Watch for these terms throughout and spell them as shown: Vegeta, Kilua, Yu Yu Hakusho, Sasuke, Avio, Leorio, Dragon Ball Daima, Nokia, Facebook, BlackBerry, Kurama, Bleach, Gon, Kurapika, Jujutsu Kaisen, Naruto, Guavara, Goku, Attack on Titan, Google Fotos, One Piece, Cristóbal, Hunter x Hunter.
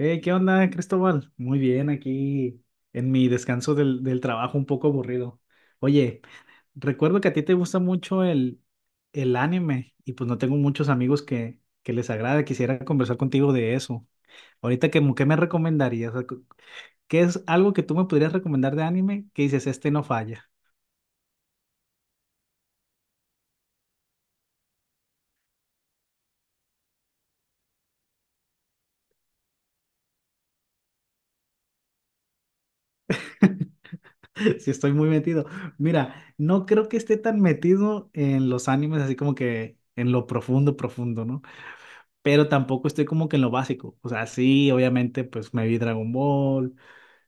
Hey, ¿qué onda, Cristóbal? Muy bien, aquí en mi descanso del trabajo, un poco aburrido. Oye, recuerdo que a ti te gusta mucho el anime y pues no tengo muchos amigos que les agrade. Quisiera conversar contigo de eso. Ahorita, ¿qué me recomendarías? O sea, ¿qué es algo que tú me podrías recomendar de anime que dices, este no falla? Si estoy muy metido. Mira, no creo que esté tan metido en los animes, así como que en lo profundo, profundo, ¿no? Pero tampoco estoy como que en lo básico. O sea, sí, obviamente, pues me vi Dragon Ball,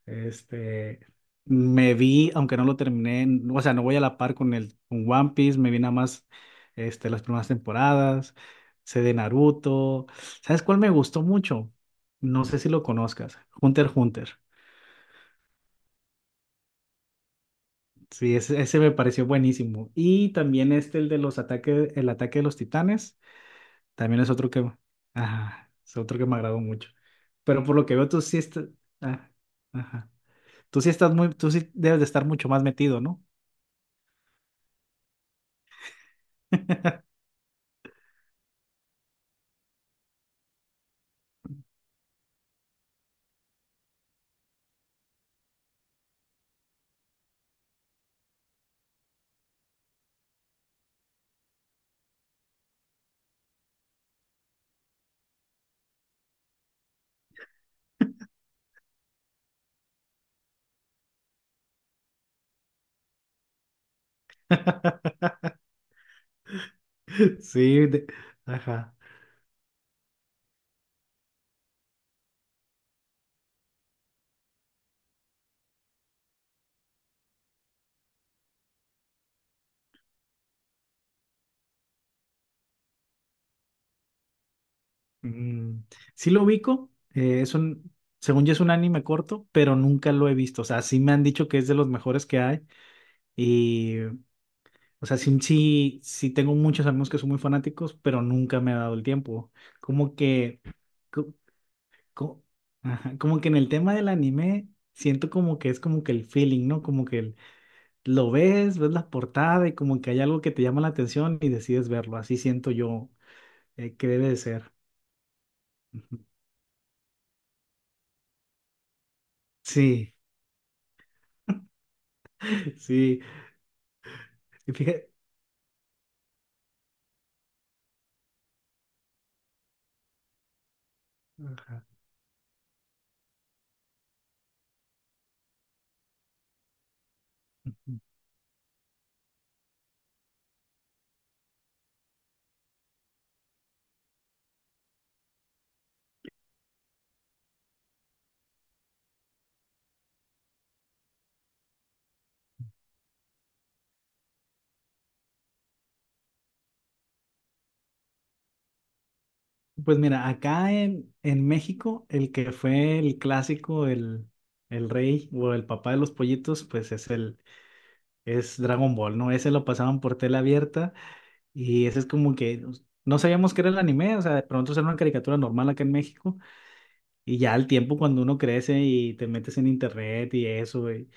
este, me vi, aunque no lo terminé, o sea, no voy a la par con el con One Piece, me vi nada más las primeras temporadas, sé de Naruto. ¿Sabes cuál me gustó mucho? No sé si lo conozcas, Hunter x Hunter. Sí, ese me pareció buenísimo. Y también este, el de los ataques, el ataque de los titanes. También es otro que, ajá, es otro que me agradó mucho. Pero por lo que veo, tú sí estás, ah, ajá. Tú sí estás muy, tú sí debes de estar mucho más metido, ¿no? Sí, ajá. Mm, sí lo ubico, es un, según yo es un anime corto, pero nunca lo he visto. O sea, sí me han dicho que es de los mejores que hay y, o sea, sí, sí, sí tengo muchos amigos que son muy fanáticos, pero nunca me ha dado el tiempo. Como que, co- co- ajá, como que en el tema del anime siento como que es como que el feeling, ¿no? Como que lo ves, ves la portada y como que hay algo que te llama la atención y decides verlo. Así siento yo que debe de ser. Ujú. Sí, sí. Y fíjate, ajá. Pues mira, acá en México, el que fue el clásico, el rey o el papá de los pollitos, pues es el, es Dragon Ball, ¿no? Ese lo pasaban por tela abierta. Y eso es como que pues, no sabíamos qué era el anime, o sea, de pronto era una caricatura normal acá en México. Y ya al tiempo, cuando uno crece y te metes en internet y eso, y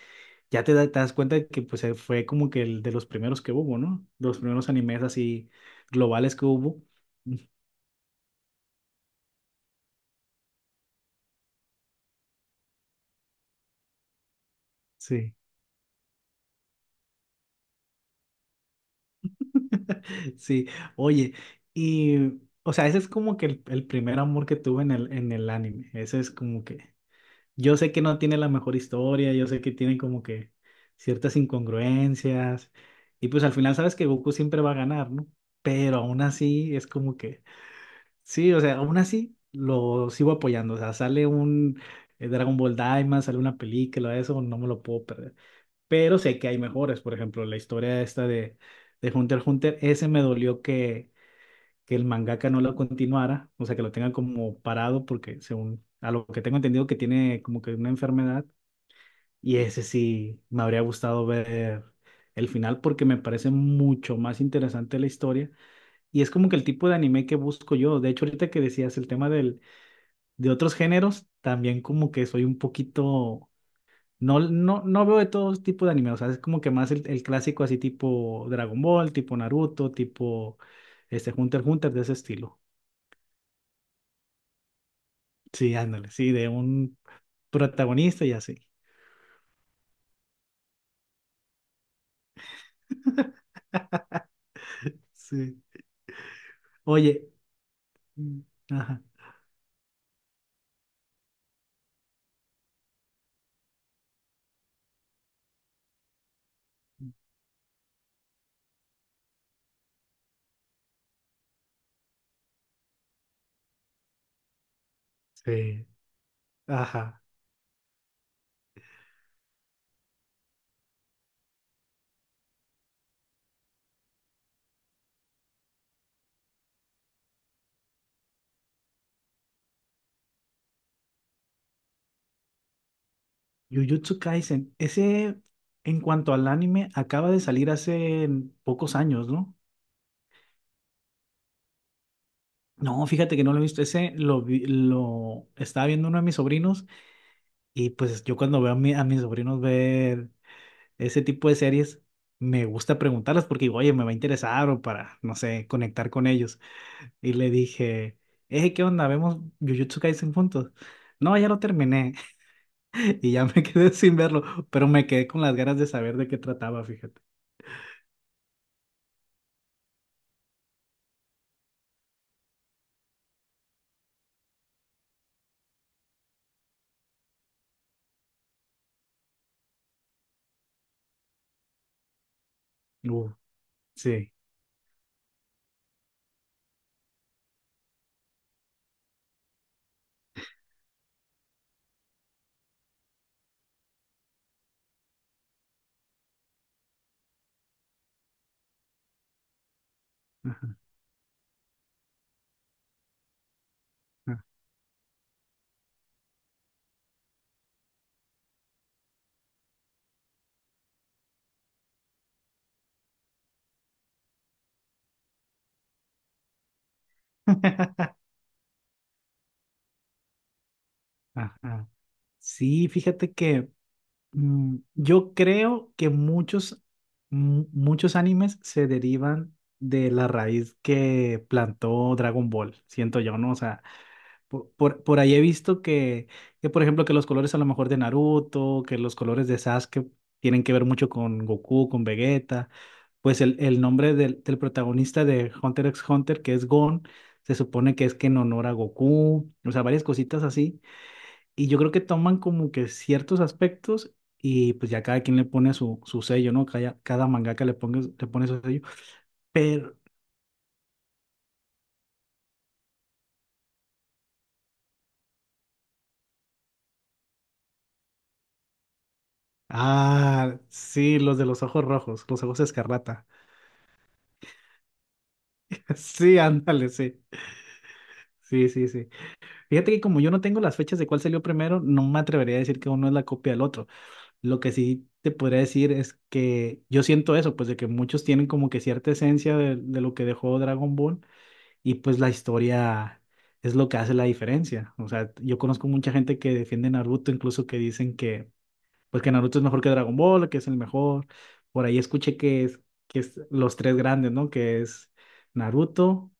ya te, te das cuenta de que pues fue como que el de los primeros que hubo, ¿no? De los primeros animes así globales que hubo. Sí. Sí, oye, y o sea, ese es como que el primer amor que tuve en el anime. Ese es como que yo sé que no tiene la mejor historia, yo sé que tiene como que ciertas incongruencias y pues al final sabes que Goku siempre va a ganar, ¿no? Pero aún así es como que, sí, o sea, aún así lo sigo apoyando, o sea, sale un Dragon Ball Daima, sale una película, eso no me lo puedo perder. Pero sé que hay mejores, por ejemplo, la historia esta de Hunter x Hunter, ese me dolió que el mangaka no lo continuara, o sea, que lo tenga como parado porque según... A lo que tengo entendido que tiene como que una enfermedad y ese sí, me habría gustado ver el final porque me parece mucho más interesante la historia. Y es como que el tipo de anime que busco yo. De hecho, ahorita que decías el tema del, de otros géneros, también como que soy un poquito... No, no, no veo de todo tipo de anime. O sea, es como que más el clásico así tipo Dragon Ball, tipo Naruto, tipo este Hunter x Hunter de ese estilo. Sí, ándale, sí, de un protagonista y así. Sí. Oye, mm, ajá. Sí. Ajá. Jujutsu Kaisen. Ese, en cuanto al anime, acaba de salir hace pocos años, ¿no? No, fíjate que no lo he visto. Ese lo estaba viendo uno de mis sobrinos y pues yo cuando veo a, a mis sobrinos ver ese tipo de series, me gusta preguntarlas porque digo, oye, me va a interesar o para, no sé, conectar con ellos. Y le dije, ¿qué onda? ¿Vemos Jujutsu Kaisen juntos? No, ya lo terminé. Y ya me quedé sin verlo, pero me quedé con las ganas de saber de qué trataba, fíjate. Sí. Ajá, ajá. Ajá. Sí, fíjate que mm, yo creo que muchos, muchos animes se derivan de la raíz que plantó Dragon Ball, siento yo, ¿no? O sea, por ahí he visto que, por ejemplo, que los colores a lo mejor de Naruto, que los colores de Sasuke tienen que ver mucho con Goku, con Vegeta. Pues el nombre del, del protagonista de Hunter x Hunter, que es Gon, se supone que es que en honor a Goku, o sea, varias cositas así. Y yo creo que toman como que ciertos aspectos y pues ya cada quien le pone su, su sello, ¿no? Cada, cada mangaka le ponga, le pone su sello. Pero, ah, sí, los de los ojos rojos, los ojos escarlata. Sí, ándale, sí. Sí, sí, sí. Fíjate que como yo no tengo las fechas de cuál salió primero, no me atrevería a decir que uno es la copia del otro. Lo que sí te podría decir es que yo siento eso, pues de que muchos tienen como que cierta esencia de lo que dejó Dragon Ball y pues la historia es lo que hace la diferencia. O sea, yo conozco mucha gente que defiende Naruto, incluso que dicen que pues que Naruto es mejor que Dragon Ball, que es el mejor. Por ahí escuché que es los tres grandes, ¿no? Que es Naruto,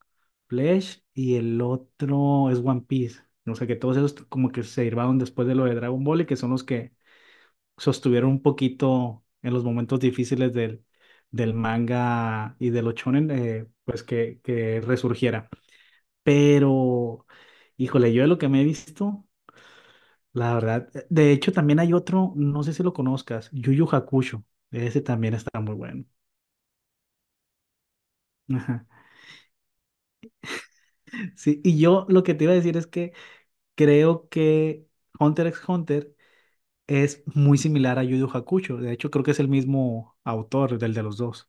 Bleach y el otro es One Piece. O sea que todos esos como que se derivaron después de lo de Dragon Ball y que son los que sostuvieron un poquito en los momentos difíciles del, del manga y de los shonen, pues que resurgiera. Pero, híjole, yo de lo que me he visto. La verdad, de hecho también hay otro, no sé si lo conozcas, Yu Yu Hakusho, ese también está muy bueno. Ajá. Sí, y yo lo que te iba a decir es que creo que Hunter x Hunter es muy similar a Yu Yu Hakusho, de hecho creo que es el mismo autor del de los dos.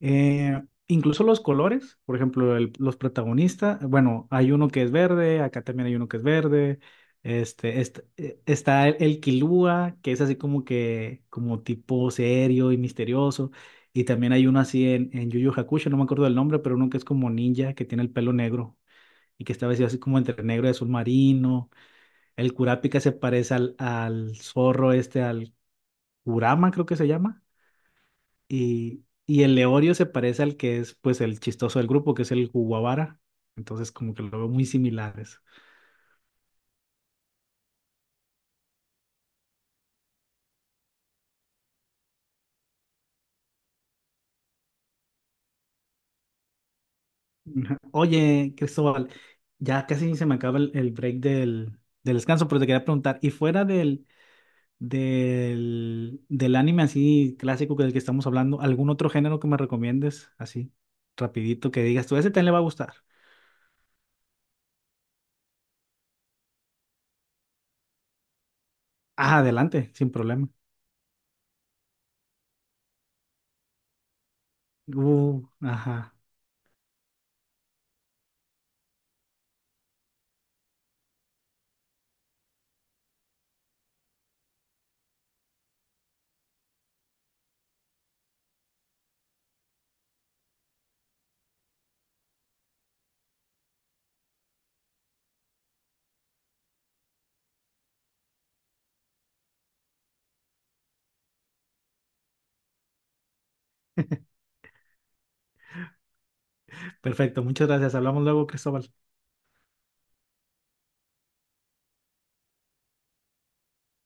Eh, Incluso los colores, por ejemplo, los protagonistas, bueno, hay uno que es verde, acá también hay uno que es verde, este, está el Kilua, que es así como que, como tipo serio y misterioso, y también hay uno así en Yu Yu Hakusho, no me acuerdo del nombre, pero uno que es como ninja, que tiene el pelo negro, y que está vestido así como entre negro y azul marino, el Kurapika se parece al, al zorro este, al Kurama creo que se llama y el Leorio se parece al que es pues el chistoso del grupo, que es el Guavara. Entonces como que lo veo muy similares. Ujú. Oye, Cristóbal, ya casi se me acaba el break del, del descanso, pero te quería preguntar, ¿y fuera del, del, del anime así clásico que del que estamos hablando, algún otro género que me recomiendes así rapidito que digas tú, ese también le va a gustar? Ah, adelante, sin problema. Ajá. Perfecto, muchas gracias. Hablamos luego, Cristóbal.